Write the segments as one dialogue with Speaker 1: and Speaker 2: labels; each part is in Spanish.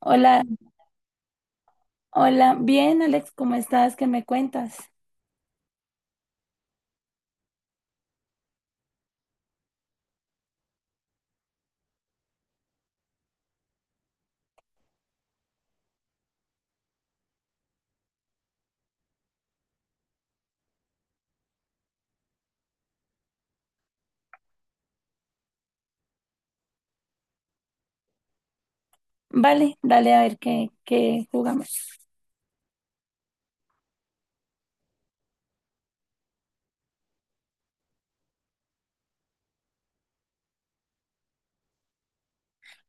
Speaker 1: Hola, hola, bien Alex, ¿cómo estás? ¿Qué me cuentas? Vale, dale a ver qué jugamos.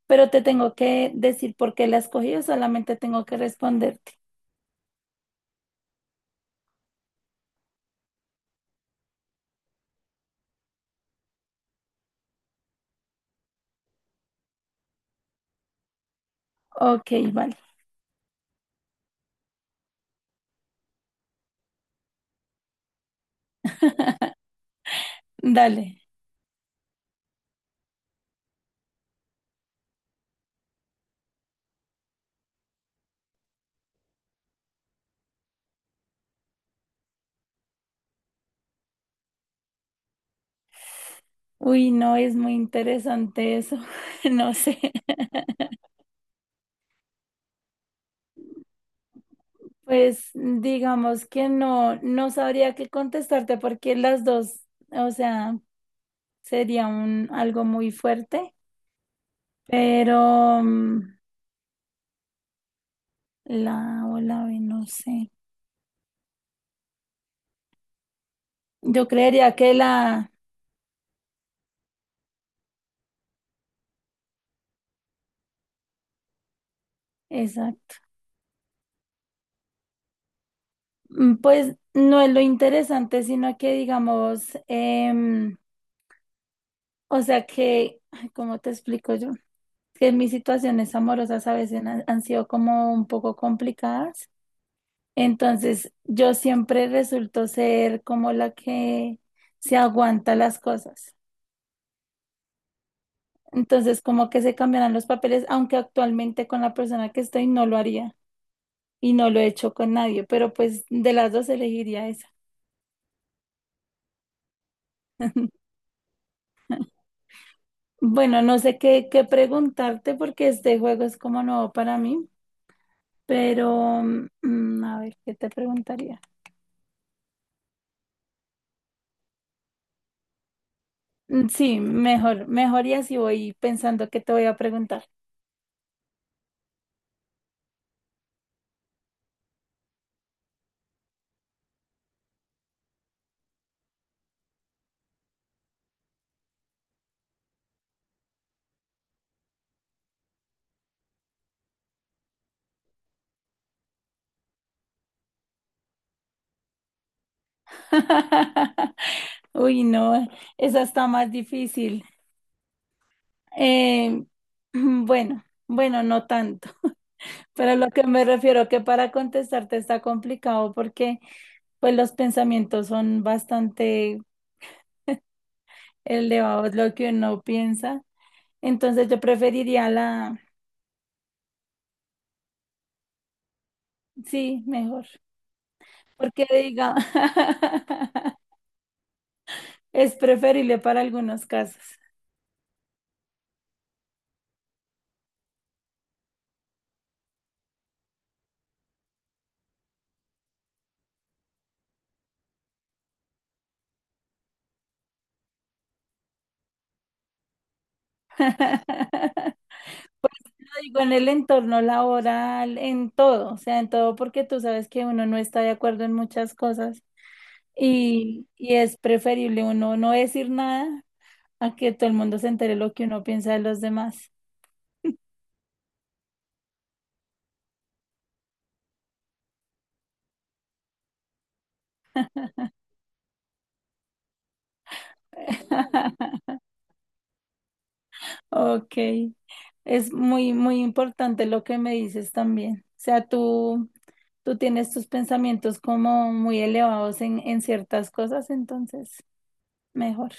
Speaker 1: Pero te tengo que decir por qué la escogí o solamente tengo que responderte. Ok, vale, dale. Uy, no, es muy interesante eso. No sé. Pues digamos que no sabría qué contestarte porque las dos, o sea, sería un algo muy fuerte, pero la o la B, no sé. Yo creería que la, exacto. Pues no es lo interesante, sino que digamos, o sea que, ay, ¿cómo te explico yo? Que mis situaciones amorosas a veces han sido como un poco complicadas, entonces yo siempre resulto ser como la que se aguanta las cosas, entonces como que se cambiarán los papeles, aunque actualmente con la persona que estoy no lo haría y no lo he hecho con nadie, pero pues de las dos elegiría esa. Bueno, no sé qué preguntarte porque este juego es como nuevo para mí, pero a ver, ¿qué te preguntaría? Sí, mejor, y así voy pensando qué te voy a preguntar. Uy, no, esa está más difícil. Eh, bueno, no tanto, pero a lo que me refiero que para contestarte está complicado porque pues los pensamientos son bastante elevados, lo que uno piensa. Entonces yo preferiría la, sí, mejor, porque diga, es preferible para algunos casos. Pues lo digo en el entorno laboral, en todo, o sea, en todo, porque tú sabes que uno no está de acuerdo en muchas cosas y es preferible uno no decir nada a que todo el mundo se entere lo que uno piensa de los demás. Ok. Es muy importante lo que me dices también. O sea, tú tienes tus pensamientos como muy elevados en ciertas cosas, entonces mejor.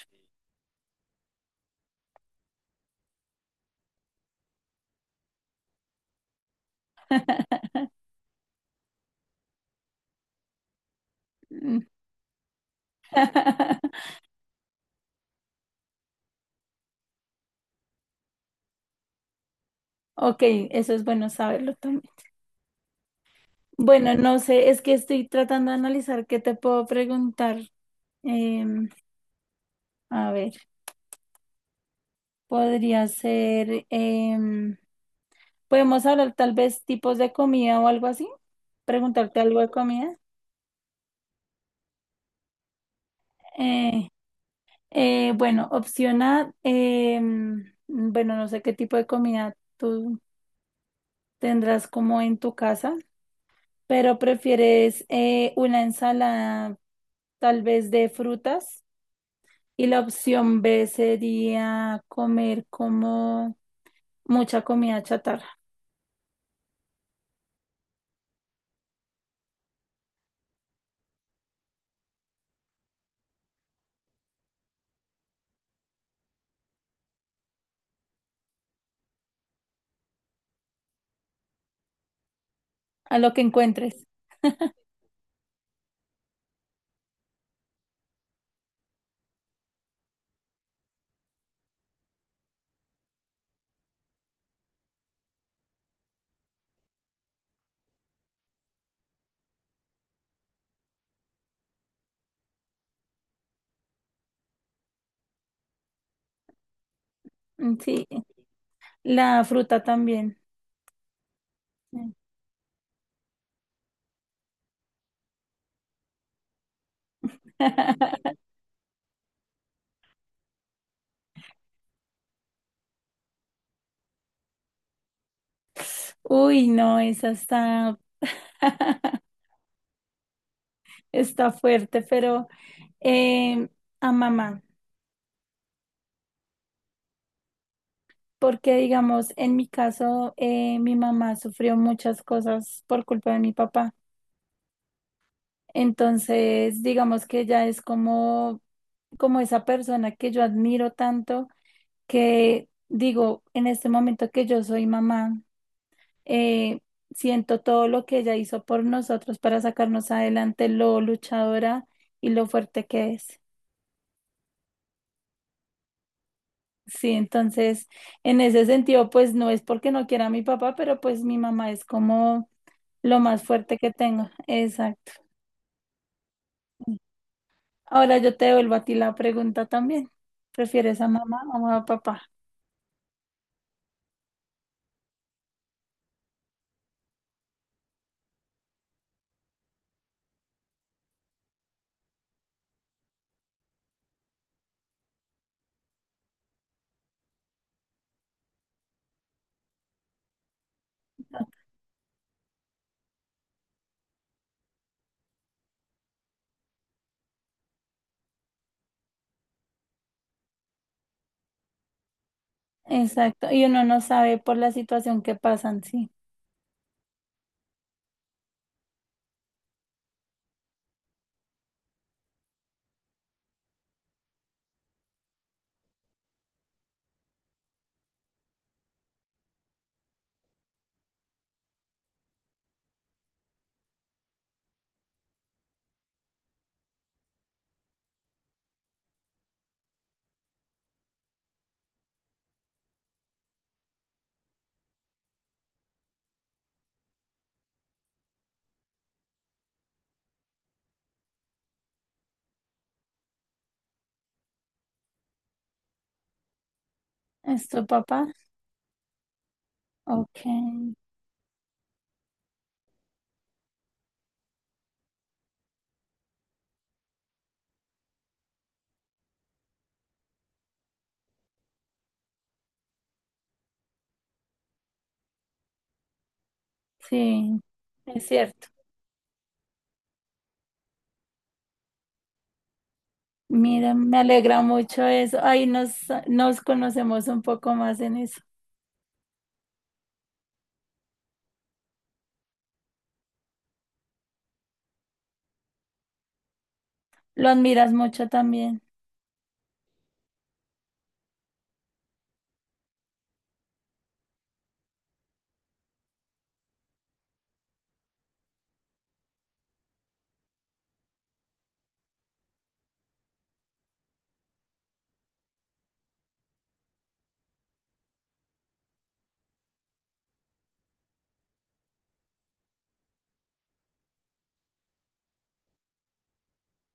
Speaker 1: Mm. Ok, eso es bueno saberlo también. Bueno, no sé, es que estoy tratando de analizar qué te puedo preguntar. Em, a ver, podría ser, podemos hablar tal vez tipos de comida o algo así, preguntarte algo de comida. Eh, bueno, opción A, bueno, no sé qué tipo de comida tú tendrás como en tu casa, pero prefieres una ensalada tal vez de frutas, y la opción B sería comer como mucha comida chatarra, a lo que encuentres. Mm, sí, la fruta también. Uy, no, esa está, está fuerte, pero eh, a mamá. Porque, digamos, en mi caso, mi mamá sufrió muchas cosas por culpa de mi papá. Entonces, digamos que ella es como esa persona que yo admiro tanto, que digo, en este momento que yo soy mamá, eh, siento todo lo que ella hizo por nosotros para sacarnos adelante, lo luchadora y lo fuerte que es. Sí, entonces, en ese sentido, pues no es porque no quiera a mi papá, pero pues mi mamá es como lo más fuerte que tenga. Exacto. Ahora yo te devuelvo a ti la pregunta también. ¿Prefieres a mamá o a papá? Exacto. Y uno no sabe por la situación que pasan, sí. ¿Es tu papá? Ok. Sí, es cierto. Mira, me alegra mucho eso. Ahí nos conocemos un poco más en eso. Lo admiras mucho también.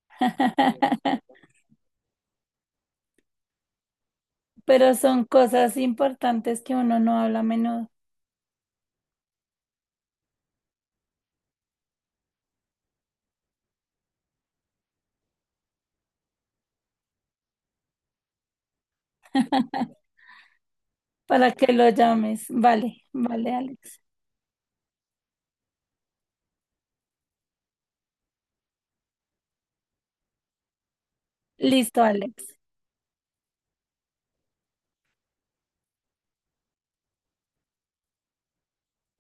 Speaker 1: Pero son cosas importantes que uno no habla a menudo. Para que lo llames. Vale, vale, Alex. Listo, Alex.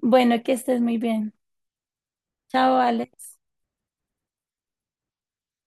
Speaker 1: Bueno, que estés muy bien. Chao, Alex.